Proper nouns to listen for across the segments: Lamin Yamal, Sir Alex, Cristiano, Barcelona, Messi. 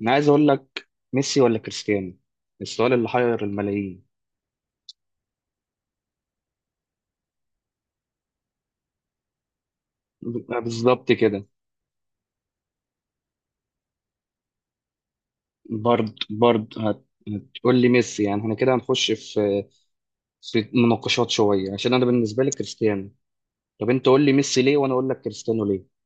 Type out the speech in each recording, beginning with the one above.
انا عايز اقول لك، ميسي ولا كريستيانو؟ السؤال اللي حير الملايين. بالظبط كده. برد برد هتقول لي ميسي؟ يعني احنا كده هنخش في مناقشات شويه، عشان انا بالنسبه لي كريستيانو. طب انت قول لي ميسي ليه وانا اقول لك كريستيانو ليه.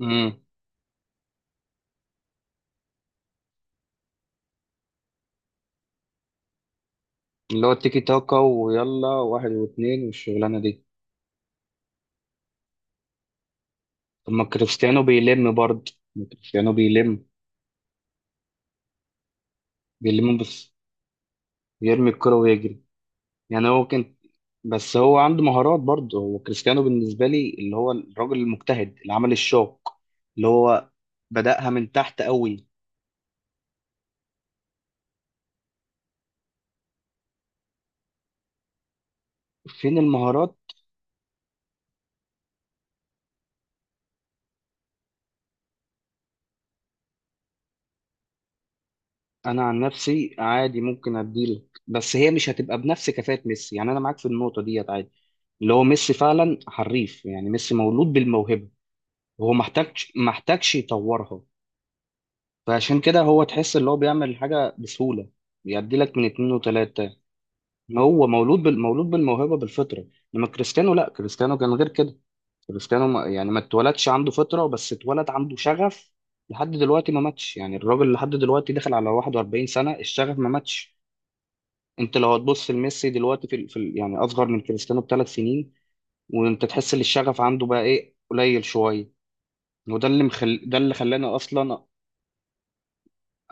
امم اللي هو التيكي تاكا ويلا واحد واثنين والشغلانه دي. طب ما كريستيانو بيلم برضه، ما كريستيانو بيلم. بيلم بس يرمي الكرة ويجري. يعني هو كان، بس هو عنده مهارات برضه. هو كريستيانو بالنسبة لي اللي هو الراجل المجتهد اللي عمل الشوك، اللي هو بدأها من تحت قوي. فين المهارات؟ أنا عن نفسي عادي ممكن أديلك، بس هي مش هتبقى بنفس كفاءة ميسي. يعني أنا معاك في النقطة ديت عادي، اللي هو ميسي فعلا حريف. يعني ميسي مولود بالموهبة، وهو محتاجش يطورها. فعشان كده هو تحس اللي هو بيعمل الحاجة بسهولة، بيديلك من اتنين وتلاتة. هو مولود بالموهبه بالفطره. انما كريستيانو لا، كريستيانو كان غير كده. كريستيانو ما... يعني ما اتولدش عنده فطره، بس اتولد عنده شغف. لحد دلوقتي ما ماتش. يعني الراجل لحد دلوقتي داخل على 41 سنه، الشغف ما ماتش. انت لو هتبص لميسي دلوقتي في, يعني اصغر من كريستيانو بثلاث سنين، وانت تحس ان الشغف عنده بقى ايه، قليل شويه. ده اللي خلاني اصلا.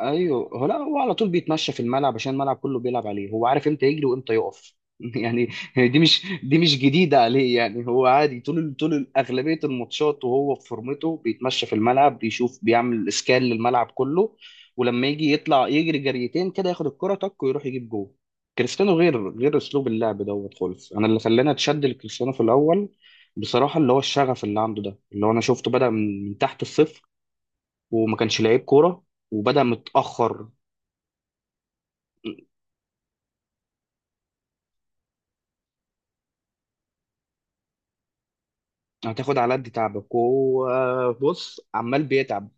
ايوه هو، لا هو على طول بيتمشى في الملعب، عشان الملعب كله بيلعب عليه. هو عارف امتى يجري وامتى يقف. يعني دي مش، دي مش جديده عليه. يعني هو عادي طول، طول اغلبيه الماتشات وهو في فورمته بيتمشى في الملعب، بيشوف، بيعمل اسكان للملعب كله. ولما يجي يطلع يجري جريتين كده، ياخد الكره تك ويروح يجيب جول. كريستيانو غير، غير اسلوب اللعب دوت خالص. انا اللي خلاني اتشد لكريستيانو في الاول بصراحه اللي هو الشغف اللي عنده ده، اللي هو انا شفته بدا من تحت الصفر، وما كانش لعيب كوره وبدأ متأخر. هتاخد على قد تعبك، وهو بص عمال بيتعب.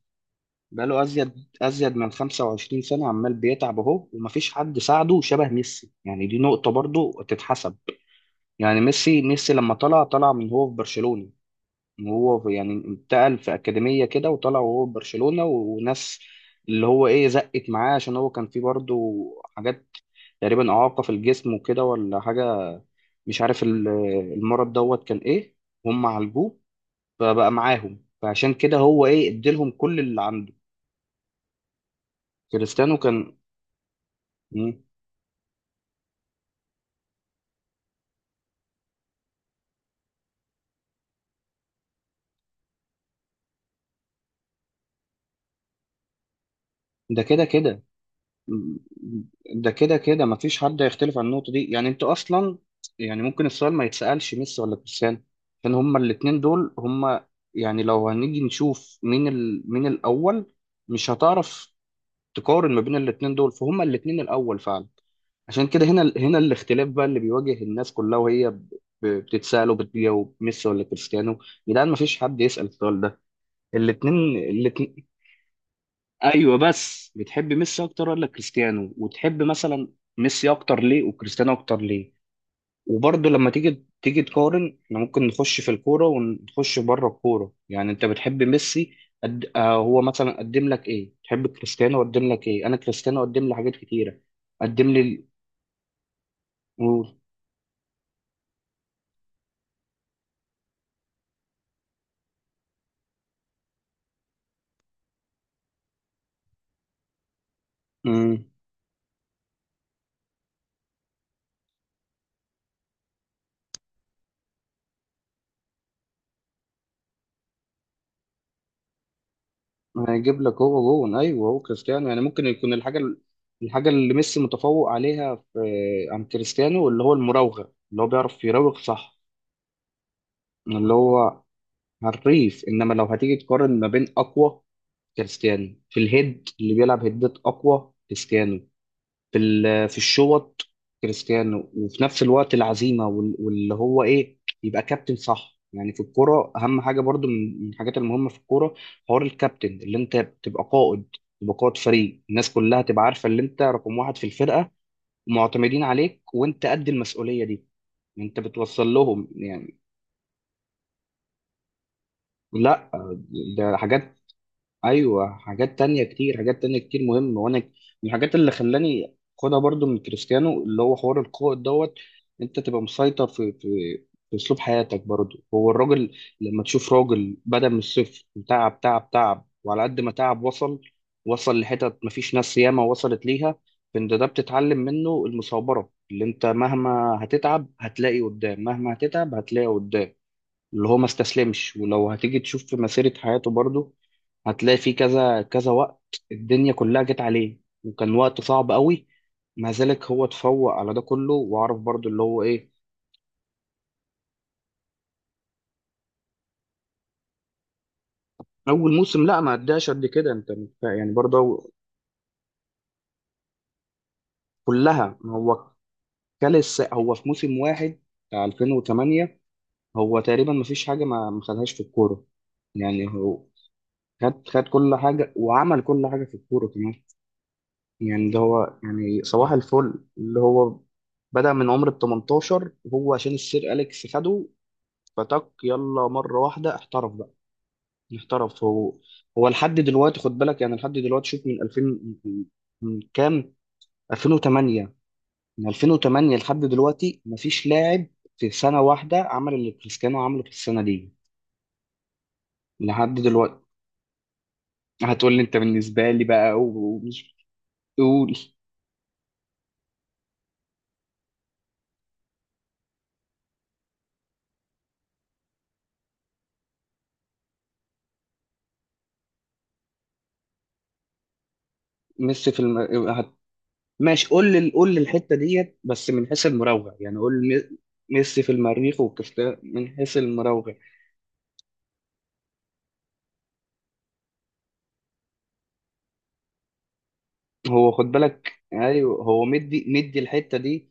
بقاله أزيد من 25 سنة عمال بيتعب أهو، ومفيش حد ساعده شبه ميسي. يعني دي نقطة برضو تتحسب. يعني ميسي لما طلع، طلع من هو في برشلونة. يعني انتقل في أكاديمية كده، وطلع وهو في برشلونة، وناس اللي هو إيه زقت معاه، عشان هو كان فيه برضو حاجات تقريبا إعاقة في الجسم وكده ولا حاجة، مش عارف المرض دوت كان إيه. هم عالجوه فبقى معاهم، فعشان كده هو ايه اديلهم كل اللي عنده. كريستيانو كان. مم. ده كده كده. مم. ده كده كده، مفيش حد هيختلف عن النقطة دي. يعني انت اصلا، يعني ممكن السؤال ما يتسألش ميسي ولا كريستيانو، عشان هما الاتنين دول هما. يعني لو هنيجي نشوف مين مين الاول، مش هتعرف تقارن ما بين الاتنين دول، فهما الاتنين الاول فعلا. عشان كده هنا الاختلاف بقى اللي بيواجه الناس كلها، وهي بتتسأل وبتجاوب ميسي ولا كريستيانو. يا جدعان، ما فيش حد يسأل السؤال ده. الاتنين الاتنين. ايوه بس بتحب ميسي اكتر ولا كريستيانو، وتحب مثلا ميسي اكتر ليه وكريستيانو اكتر ليه. وبرضه لما تيجي تقارن، احنا ممكن نخش في الكورة ونخش بره الكورة. يعني انت بتحب ميسي آه هو مثلا قدم لك ايه، تحب كريستيانو قدم لك ايه؟ انا كريستيانو قدم لي حاجات كتيرة. قدم لي ال- و... هيجيب لك هو جون، ايوه هو كريستيانو. يعني ممكن يكون الحاجه اللي ميسي متفوق عليها في، عن كريستيانو اللي هو المراوغه، اللي هو بيعرف يراوغ صح، اللي هو حريف. انما لو هتيجي تقارن ما بين اقوى، كريستيانو في الهيد اللي بيلعب هيدات، اقوى كريستيانو في في الشوط كريستيانو. وفي نفس الوقت العزيمه واللي هو ايه، يبقى كابتن صح. يعني في الكوره اهم حاجه برضو، من الحاجات المهمه في الكوره حوار الكابتن، اللي انت تبقى قائد، تبقى قائد فريق، الناس كلها تبقى عارفه اللي انت رقم واحد في الفرقه، ومعتمدين عليك، وانت قد المسؤوليه دي. انت بتوصل لهم يعني. لا ده حاجات. ايوه حاجات تانية كتير، حاجات تانية كتير مهمة. وانا من الحاجات اللي خلاني خدها برضو من كريستيانو اللي هو حوار القائد دوت. انت تبقى مسيطر في في اسلوب حياتك برضو. هو الراجل لما تشوف راجل بدأ من الصفر، تعب تعب تعب، وعلى قد ما تعب وصل. وصل لحتت مفيش ناس ياما وصلت ليها. فانت ده بتتعلم منه المثابرة، اللي انت مهما هتتعب هتلاقي قدام، مهما هتتعب هتلاقي قدام، اللي هو ما استسلمش. ولو هتيجي تشوف في مسيرة حياته برضه، هتلاقي في كذا كذا وقت الدنيا كلها جت عليه، وكان وقت صعب قوي، مع ذلك هو اتفوق على ده كله، وعرف برضه اللي هو ايه. اول موسم لا ما اداش قد كده، انت يعني برضه كلها. ما هو هو في موسم واحد بتاع 2008 هو تقريبا ما فيش حاجة ما خدهاش في الكورة. يعني هو خد كل حاجة، وعمل كل حاجة في الكورة كمان. يعني ده هو، يعني صباح الفل اللي هو بدأ من عمر ال 18، هو عشان السير أليكس خده فتك يلا مرة واحدة احترف بقى. احترف هو. هو لحد دلوقتي خد بالك، يعني لحد دلوقتي شوف من 2000، من من كام، 2008، من 2008 لحد دلوقتي مفيش لاعب في سنة واحدة عمل اللي كريستيانو عمله في السنة دي لحد دلوقتي. هتقول لي انت بالنسبة لي بقى، قول. قول. ميسي في الم... ماشي، قول لي الحته ديت بس من حيث المراوغه، يعني قول لي ميسي في المريخ وكريستيانو من حيث المراوغه. هو خد بالك، ايوه هو مدي الحته دي،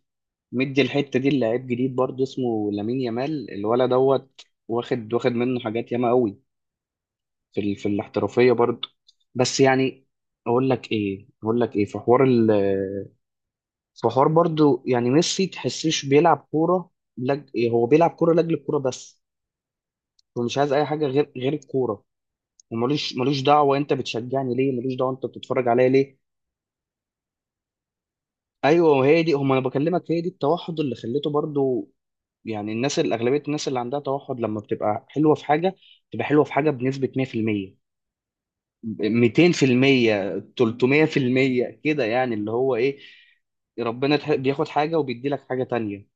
مدي الحته دي لعيب جديد برضه اسمه لامين يامال الولد دوت، واخد منه حاجات ياما قوي في في الاحترافيه برضه. بس يعني اقول لك ايه في في حوار برضه، يعني ميسي تحسيش بيلعب كوره. هو بيلعب كوره لاجل الكوره بس. هو مش عايز اي حاجه غير، غير الكوره. وملوش دعوه انت بتشجعني ليه، ملوش دعوه انت بتتفرج عليا ليه. ايوه وهي دي، هم انا بكلمك هي دي التوحد اللي خليته برضو. يعني الناس اللي، اغلبيه الناس اللي عندها توحد لما بتبقى حلوه في حاجه بنسبه 100%، 200%، 300% كده. يعني اللي هو ايه، ربنا بياخد حاجه وبيدي لك حاجه تانية.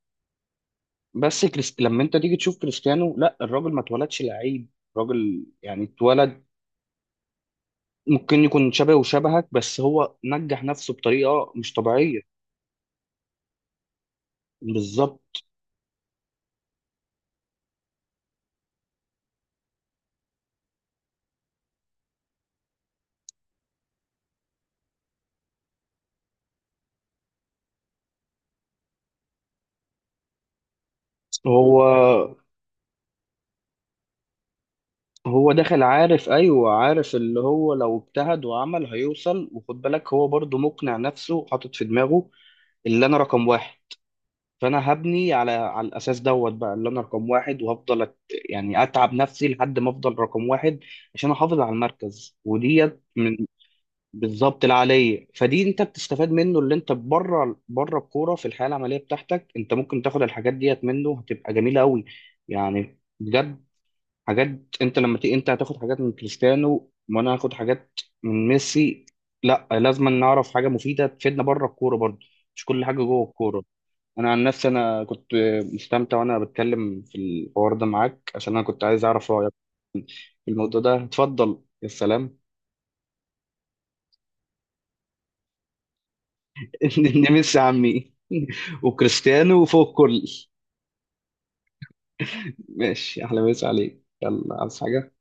بس لما انت تيجي تشوف كريستيانو لا، الراجل ما اتولدش لعيب. الراجل يعني اتولد، ممكن يكون شبهه وشبهك، بس هو نجح نفسه بطريقة مش طبيعية. بالظبط. هو هو داخل عارف، ايوه عارف اللي هو لو اجتهد وعمل هيوصل. وخد بالك هو برضو مقنع نفسه، حاطط في دماغه اللي انا رقم واحد، فانا هبني على الاساس دوت بقى، اللي انا رقم واحد، وهفضل يعني اتعب نفسي لحد ما افضل رقم واحد عشان احافظ على المركز وديت من. بالظبط العاليه. فدي انت بتستفاد منه اللي انت بره، بره الكوره في الحياه العمليه بتاعتك، انت ممكن تاخد الحاجات ديت منه هتبقى جميله قوي يعني بجد. حاجات انت لما تيجي انت هتاخد حاجات من كريستيانو، وانا هاخد حاجات من ميسي. لا لازم نعرف حاجه مفيده تفيدنا بره الكوره برضه، مش كل حاجه جوه الكوره. انا عن نفسي انا كنت مستمتع وانا بتكلم في الحوار ده معاك، عشان انا كنت عايز اعرف رايك في الموضوع ده. اتفضل يا سلام. نمس عمي. وكريستيانو وفوق الكل. ماشي احلى مسا عليك، يلا عايز حاجة؟